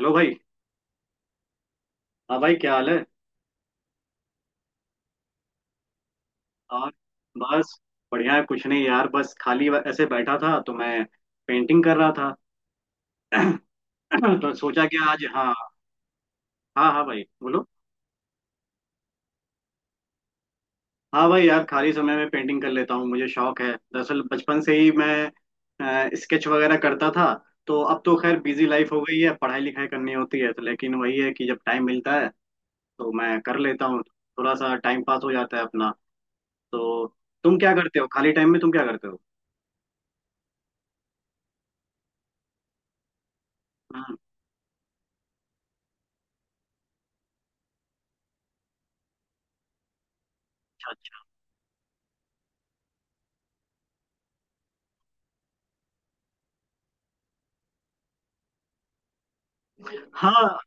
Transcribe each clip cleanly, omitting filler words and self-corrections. Hello भाई। हाँ भाई, क्या हाल है? और बस बढ़िया है। कुछ नहीं यार, बस खाली ऐसे बैठा था तो मैं पेंटिंग कर रहा था। तो सोचा कि आज। हाँ, हाँ, हाँ भाई बोलो। हाँ भाई, यार खाली समय में पेंटिंग कर लेता हूँ। मुझे शौक है, दरअसल बचपन से ही मैं स्केच वगैरह करता था। तो अब तो खैर बिजी लाइफ हो गई है, पढ़ाई लिखाई करनी होती है तो, लेकिन वही है कि जब टाइम मिलता है तो मैं कर लेता हूँ। थोड़ा सा टाइम पास हो जाता है अपना। तो तुम क्या करते हो खाली टाइम में? तुम क्या करते हो हम्म, अच्छा, अच्छा। हाँ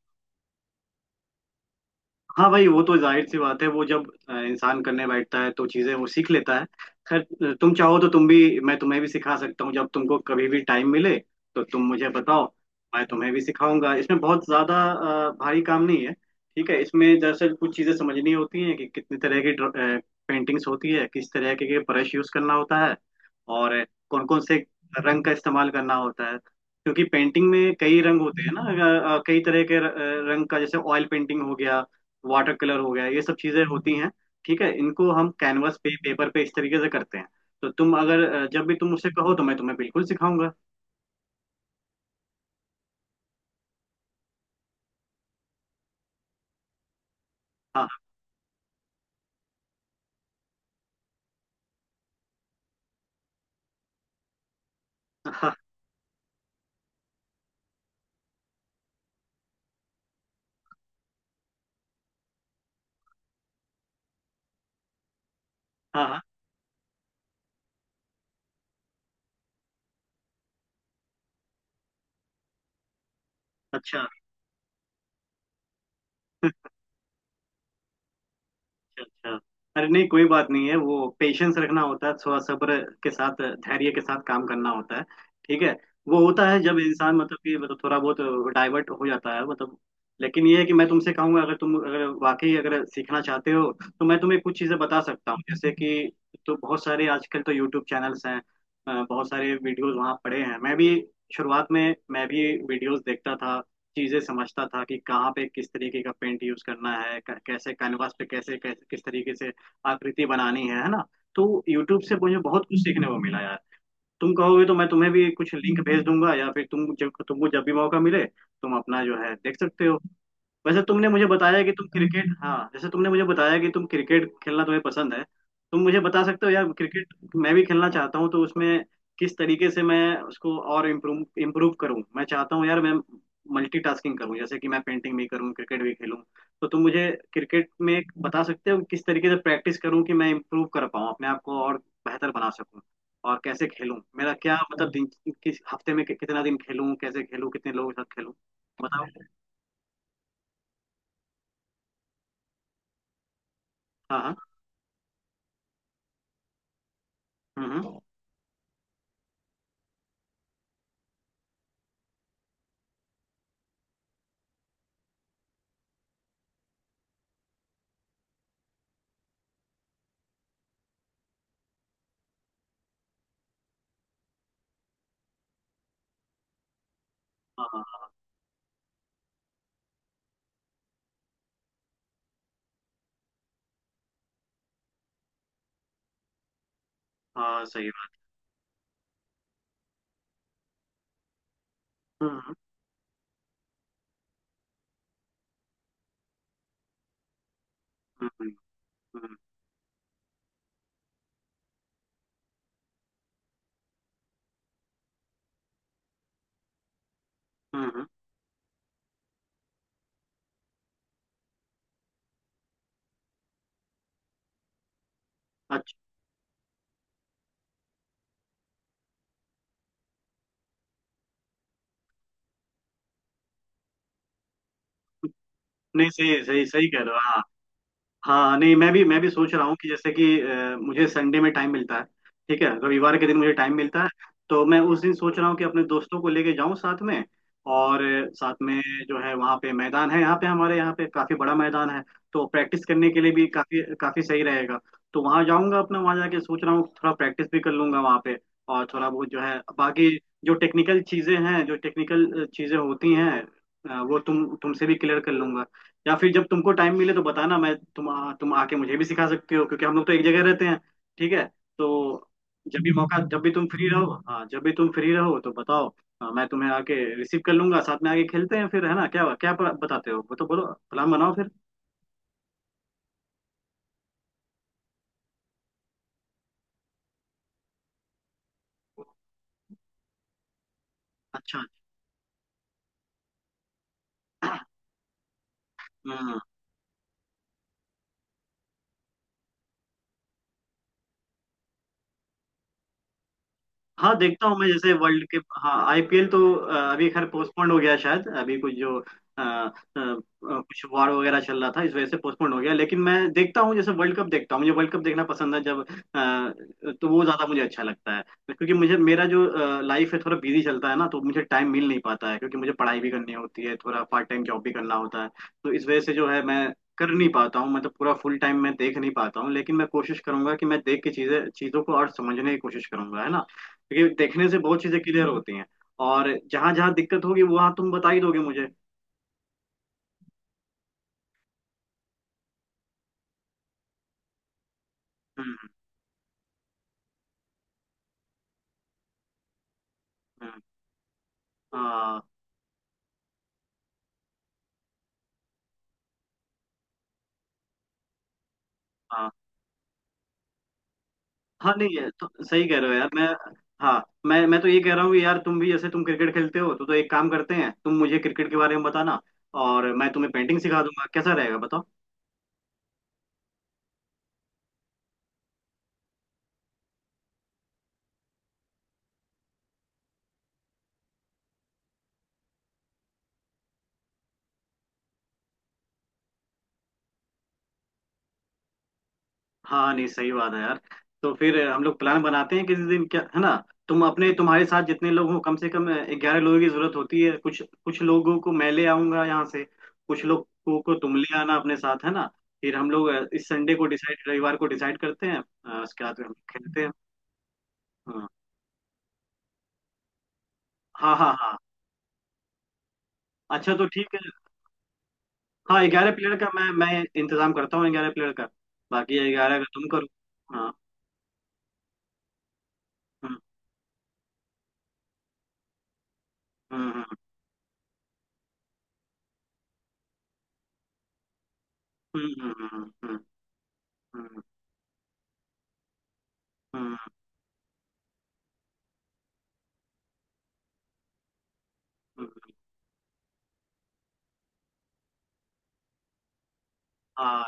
हाँ भाई, वो तो जाहिर सी बात है। वो जब इंसान करने बैठता है तो चीजें वो सीख लेता है। खैर तुम चाहो तो तुम्हें भी सिखा सकता हूँ। जब तुमको कभी भी टाइम मिले तो तुम मुझे बताओ। मैं तुम्हें भी सिखाऊंगा, इसमें बहुत ज्यादा भारी काम नहीं है। ठीक है, इसमें दरअसल कुछ चीजें समझनी होती हैं कि कितनी तरह की पेंटिंग्स होती है, किस तरह के ब्रश यूज करना होता है, और कौन कौन से रंग का इस्तेमाल करना होता है। क्योंकि पेंटिंग में कई रंग होते हैं ना। कई तरह के रंग का, जैसे ऑयल पेंटिंग हो गया, वाटर कलर हो गया, ये सब चीजें होती हैं। ठीक है, इनको हम कैनवस पे, पेपर पे इस तरीके से करते हैं। तो तुम अगर, जब भी तुम मुझसे कहो तो मैं तुम्हें बिल्कुल सिखाऊंगा। हाँ, हाँ, हाँ, हाँ, हाँ। अच्छा, अच्छा, अच्छा। अरे नहीं, कोई बात नहीं है। वो पेशेंस रखना होता है, थोड़ा सब्र के साथ, धैर्य के साथ काम करना होता है। ठीक है, वो होता है जब इंसान मतलब कि मतलब थोड़ा बहुत डाइवर्ट हो जाता है, मतलब। लेकिन ये है कि मैं तुमसे कहूंगा, अगर तुम अगर वाकई अगर सीखना चाहते हो, तो मैं तुम्हें कुछ चीजें बता सकता हूँ, जैसे कि तो बहुत सारे आजकल तो यूट्यूब चैनल्स हैं। बहुत सारे वीडियोस वहाँ पड़े हैं। मैं भी शुरुआत में, मैं भी वीडियोस देखता था, चीजें समझता था कि कहाँ पे किस तरीके का पेंट यूज करना है, कैसे कैनवास पे कैसे, किस तरीके से आकृति बनानी है ना। तो यूट्यूब से मुझे बहुत कुछ सीखने को मिला यार। तुम कहोगे तो मैं तुम्हें भी कुछ लिंक भेज दूंगा, या फिर तुमको जब भी मौका मिले, तुम अपना जो है देख सकते हो। वैसे तुमने मुझे बताया कि तुम क्रिकेट, हाँ जैसे तुमने मुझे बताया कि तुम क्रिकेट खेलना तुम्हें पसंद है। तुम मुझे बता सकते हो यार, क्रिकेट मैं भी खेलना चाहता हूँ। तो उसमें किस तरीके से मैं उसको और इम्प्रूव इम्प्रूव करूँ। मैं चाहता हूँ यार, मैं मल्टीटास्किंग करूँ, जैसे कि मैं पेंटिंग भी करूँ, क्रिकेट भी खेलूँ। तो तुम मुझे क्रिकेट में बता सकते हो किस तरीके से प्रैक्टिस करूँ कि मैं इम्प्रूव कर पाऊँ अपने आप को और बेहतर बना सकूँ। और कैसे खेलूँ, मेरा क्या मतलब दिन, किस हफ्ते में कितना दिन खेलूँ, कैसे खेलूँ, कितने लोगों के साथ खेलूँ, बताओ। हाँ, हाँ। हम्म, हाँ, हाँ सही बात। हम्म, हम्म, हम्म, हम्म। अच्छा। नहीं, सही सही सही कह रहे हो, हाँ। हाँ नहीं, मैं भी सोच रहा हूँ कि जैसे कि मुझे संडे में टाइम मिलता है। ठीक है, रविवार के दिन मुझे टाइम मिलता है। तो मैं उस दिन सोच रहा हूँ कि अपने दोस्तों को लेके जाऊँ साथ में। और साथ में जो है, वहाँ पे मैदान है, यहाँ पे हमारे यहाँ पे काफी बड़ा मैदान है। तो प्रैक्टिस करने के लिए भी काफी काफी सही रहेगा। तो वहाँ जाऊँगा अपना, वहाँ जाके सोच रहा हूँ थोड़ा प्रैक्टिस भी कर लूंगा वहाँ पे। और थोड़ा बहुत जो है बाकी, जो टेक्निकल चीजें होती हैं, वो तुमसे भी क्लियर कर लूंगा। या फिर जब तुमको टाइम मिले तो बताना, तुम आके मुझे भी सिखा सकते हो, क्योंकि हम लोग तो एक जगह रहते हैं। ठीक है, तो जब भी मौका, जब भी तुम फ्री रहो, हाँ जब भी तुम फ्री रहो तो बताओ। हाँ, मैं तुम्हें आके रिसीव कर लूंगा, साथ में आके खेलते हैं फिर, है ना? क्या क्या बताते हो वो तो बोलो, प्लान बनाओ फिर। अच्छा। हम्म। हाँ देखता हूँ मैं, जैसे वर्ल्ड के, हाँ आईपीएल तो अभी खैर पोस्टपोन्ड हो गया, शायद अभी कुछ जो कुछ वार वगैरह चल रहा था, इस वजह से पोस्टपोन्ड हो गया। लेकिन मैं देखता हूँ, जैसे वर्ल्ड कप देखता हूँ, मुझे वर्ल्ड कप देखना पसंद है। जब तो वो ज़्यादा मुझे अच्छा लगता है। क्योंकि मुझे मेरा जो लाइफ है थोड़ा बिजी चलता है ना, तो मुझे टाइम मिल नहीं पाता है। क्योंकि मुझे पढ़ाई भी करनी होती है, थोड़ा पार्ट टाइम जॉब भी करना होता है, तो इस वजह से जो है मैं कर नहीं पाता हूँ। मतलब पूरा फुल टाइम मैं देख नहीं पाता हूँ। लेकिन मैं कोशिश करूंगा कि मैं देख के चीजें चीजों को और समझने की कोशिश करूंगा, है ना। क्योंकि देखने से बहुत चीजें क्लियर होती हैं। और जहां जहां दिक्कत होगी वहां तुम बता ही दोगे मुझे। हम्म, हम्म। हाँ, हाँ। हाँ नहीं, ये तो सही कह रहे हो यार। मैं, हाँ, मैं तो ये कह रहा हूँ कि यार तुम भी जैसे तुम क्रिकेट खेलते हो तो एक काम करते हैं, तुम मुझे क्रिकेट के बारे में बताना, और मैं तुम्हें पेंटिंग सिखा दूंगा। कैसा रहेगा बताओ। हाँ नहीं सही बात है यार। तो फिर हम लोग प्लान बनाते हैं किसी दिन, क्या है ना तुम अपने, तुम्हारे साथ जितने लोग हो कम से कम ग्यारह लोगों की जरूरत होती है। कुछ कुछ लोगों को मैं ले आऊंगा यहाँ से, कुछ लोगों को तुम ले आना अपने साथ, है ना। फिर हम लोग इस संडे को डिसाइड, रविवार को डिसाइड करते हैं। उसके बाद फिर हम खेलते हैं। हाँ, हाँ, हाँ, हाँ। अच्छा तो ठीक है। हाँ, ग्यारह प्लेयर का मैं इंतजाम करता हूँ ग्यारह प्लेयर का। बाकी ग्यारह का तुम करो। हाँ। हम्म, हम्म, हम्म, हम्म, हम्म, हम्म, हम्म, हम्म, हम्म। हाँ,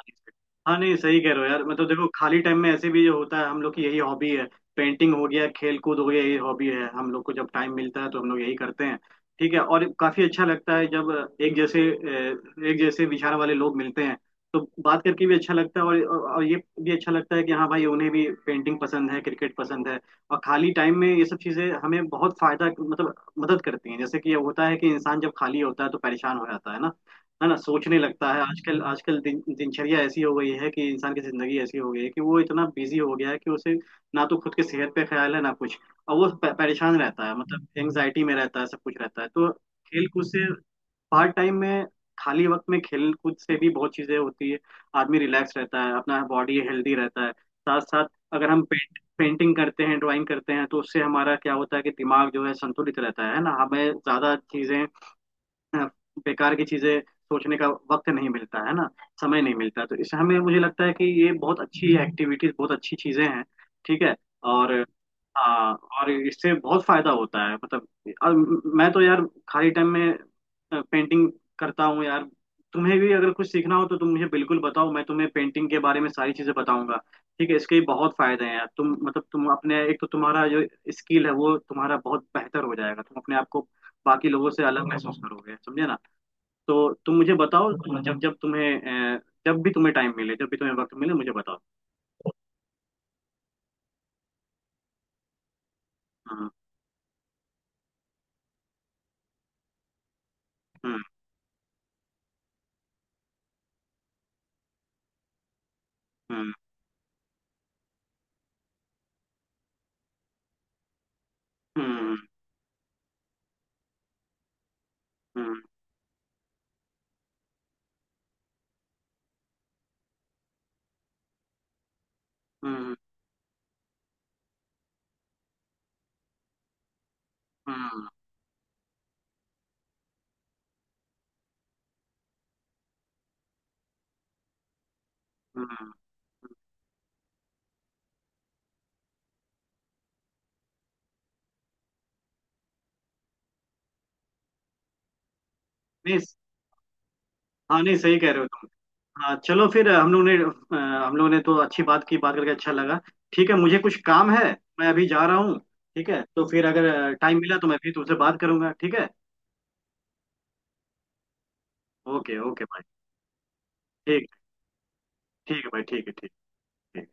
हाँ नहीं सही कह रहे हो यार। मतलब देखो, खाली टाइम में ऐसे भी जो होता है, हम लोग की यही हॉबी है। पेंटिंग हो गया, खेल कूद हो गया, यही हॉबी है हम लोग को। जब टाइम मिलता है तो हम लोग यही करते हैं। ठीक है, और काफी अच्छा लगता है जब एक जैसे एक जैसे विचार वाले लोग मिलते हैं, तो बात करके भी अच्छा लगता है। और ये भी अच्छा लगता है कि हाँ भाई, उन्हें भी पेंटिंग पसंद है, क्रिकेट पसंद है। और खाली टाइम में ये सब चीजें हमें बहुत फायदा मतलब मदद करती हैं। जैसे कि ये होता है कि इंसान जब खाली होता है तो परेशान हो जाता है ना, है ना, सोचने लगता है। आजकल आजकल दिनचर्या ऐसी हो गई है, कि इंसान की जिंदगी ऐसी हो गई है कि वो इतना बिजी हो गया है कि उसे ना तो खुद की सेहत पे ख्याल है, ना कुछ। और वो परेशान रहता है, मतलब एंजाइटी में रहता है, सब कुछ रहता है। तो खेल कूद से, पार्ट टाइम में, खाली वक्त में, खेल कूद से भी बहुत चीजें होती है। आदमी रिलैक्स रहता है, अपना बॉडी हेल्दी रहता है, साथ साथ अगर हम पेंटिंग करते हैं, ड्राइंग करते हैं, तो उससे हमारा क्या होता है कि दिमाग जो है संतुलित रहता है ना। हमें ज्यादा चीजें, बेकार की चीजें सोचने का वक्त नहीं मिलता है ना, समय नहीं मिलता। तो इस हमें मुझे लगता है कि ये बहुत अच्छी एक्टिविटीज, बहुत अच्छी चीजें हैं। ठीक है। और हाँ, और इससे बहुत फायदा होता है मतलब। अब मैं तो यार खाली टाइम में पेंटिंग करता हूँ यार। तुम्हें भी अगर कुछ सीखना हो तो तुम मुझे बिल्कुल बताओ, मैं तुम्हें पेंटिंग के बारे में सारी चीजें बताऊंगा। ठीक है, इसके बहुत फायदे हैं यार। तुम मतलब तुम अपने, एक तो तुम्हारा जो स्किल है वो तुम्हारा बहुत बेहतर हो जाएगा, तुम अपने आप को बाकी लोगों से अलग महसूस करोगे, समझे ना। तो तुम मुझे बताओ, जब जब तुम्हें जब भी तुम्हें टाइम मिले, जब भी तुम्हें वक्त मिले, मुझे बताओ। हम्म, हम्म, हम्म, हम्म, हम्म, हम्म, हम्म, हम्म। नहीं, हाँ नहीं सही कह रहे हो तुम। हाँ चलो फिर, हम लोग ने तो अच्छी बात की, बात करके अच्छा लगा। ठीक है, मुझे कुछ काम है, मैं अभी जा रहा हूँ। ठीक है, तो फिर अगर टाइम मिला तो मैं फिर तुमसे बात करूंगा, ठीक है। ओके, ओके भाई। ठीक, ठीक है भाई, ठीक है, ठीक, ठीक।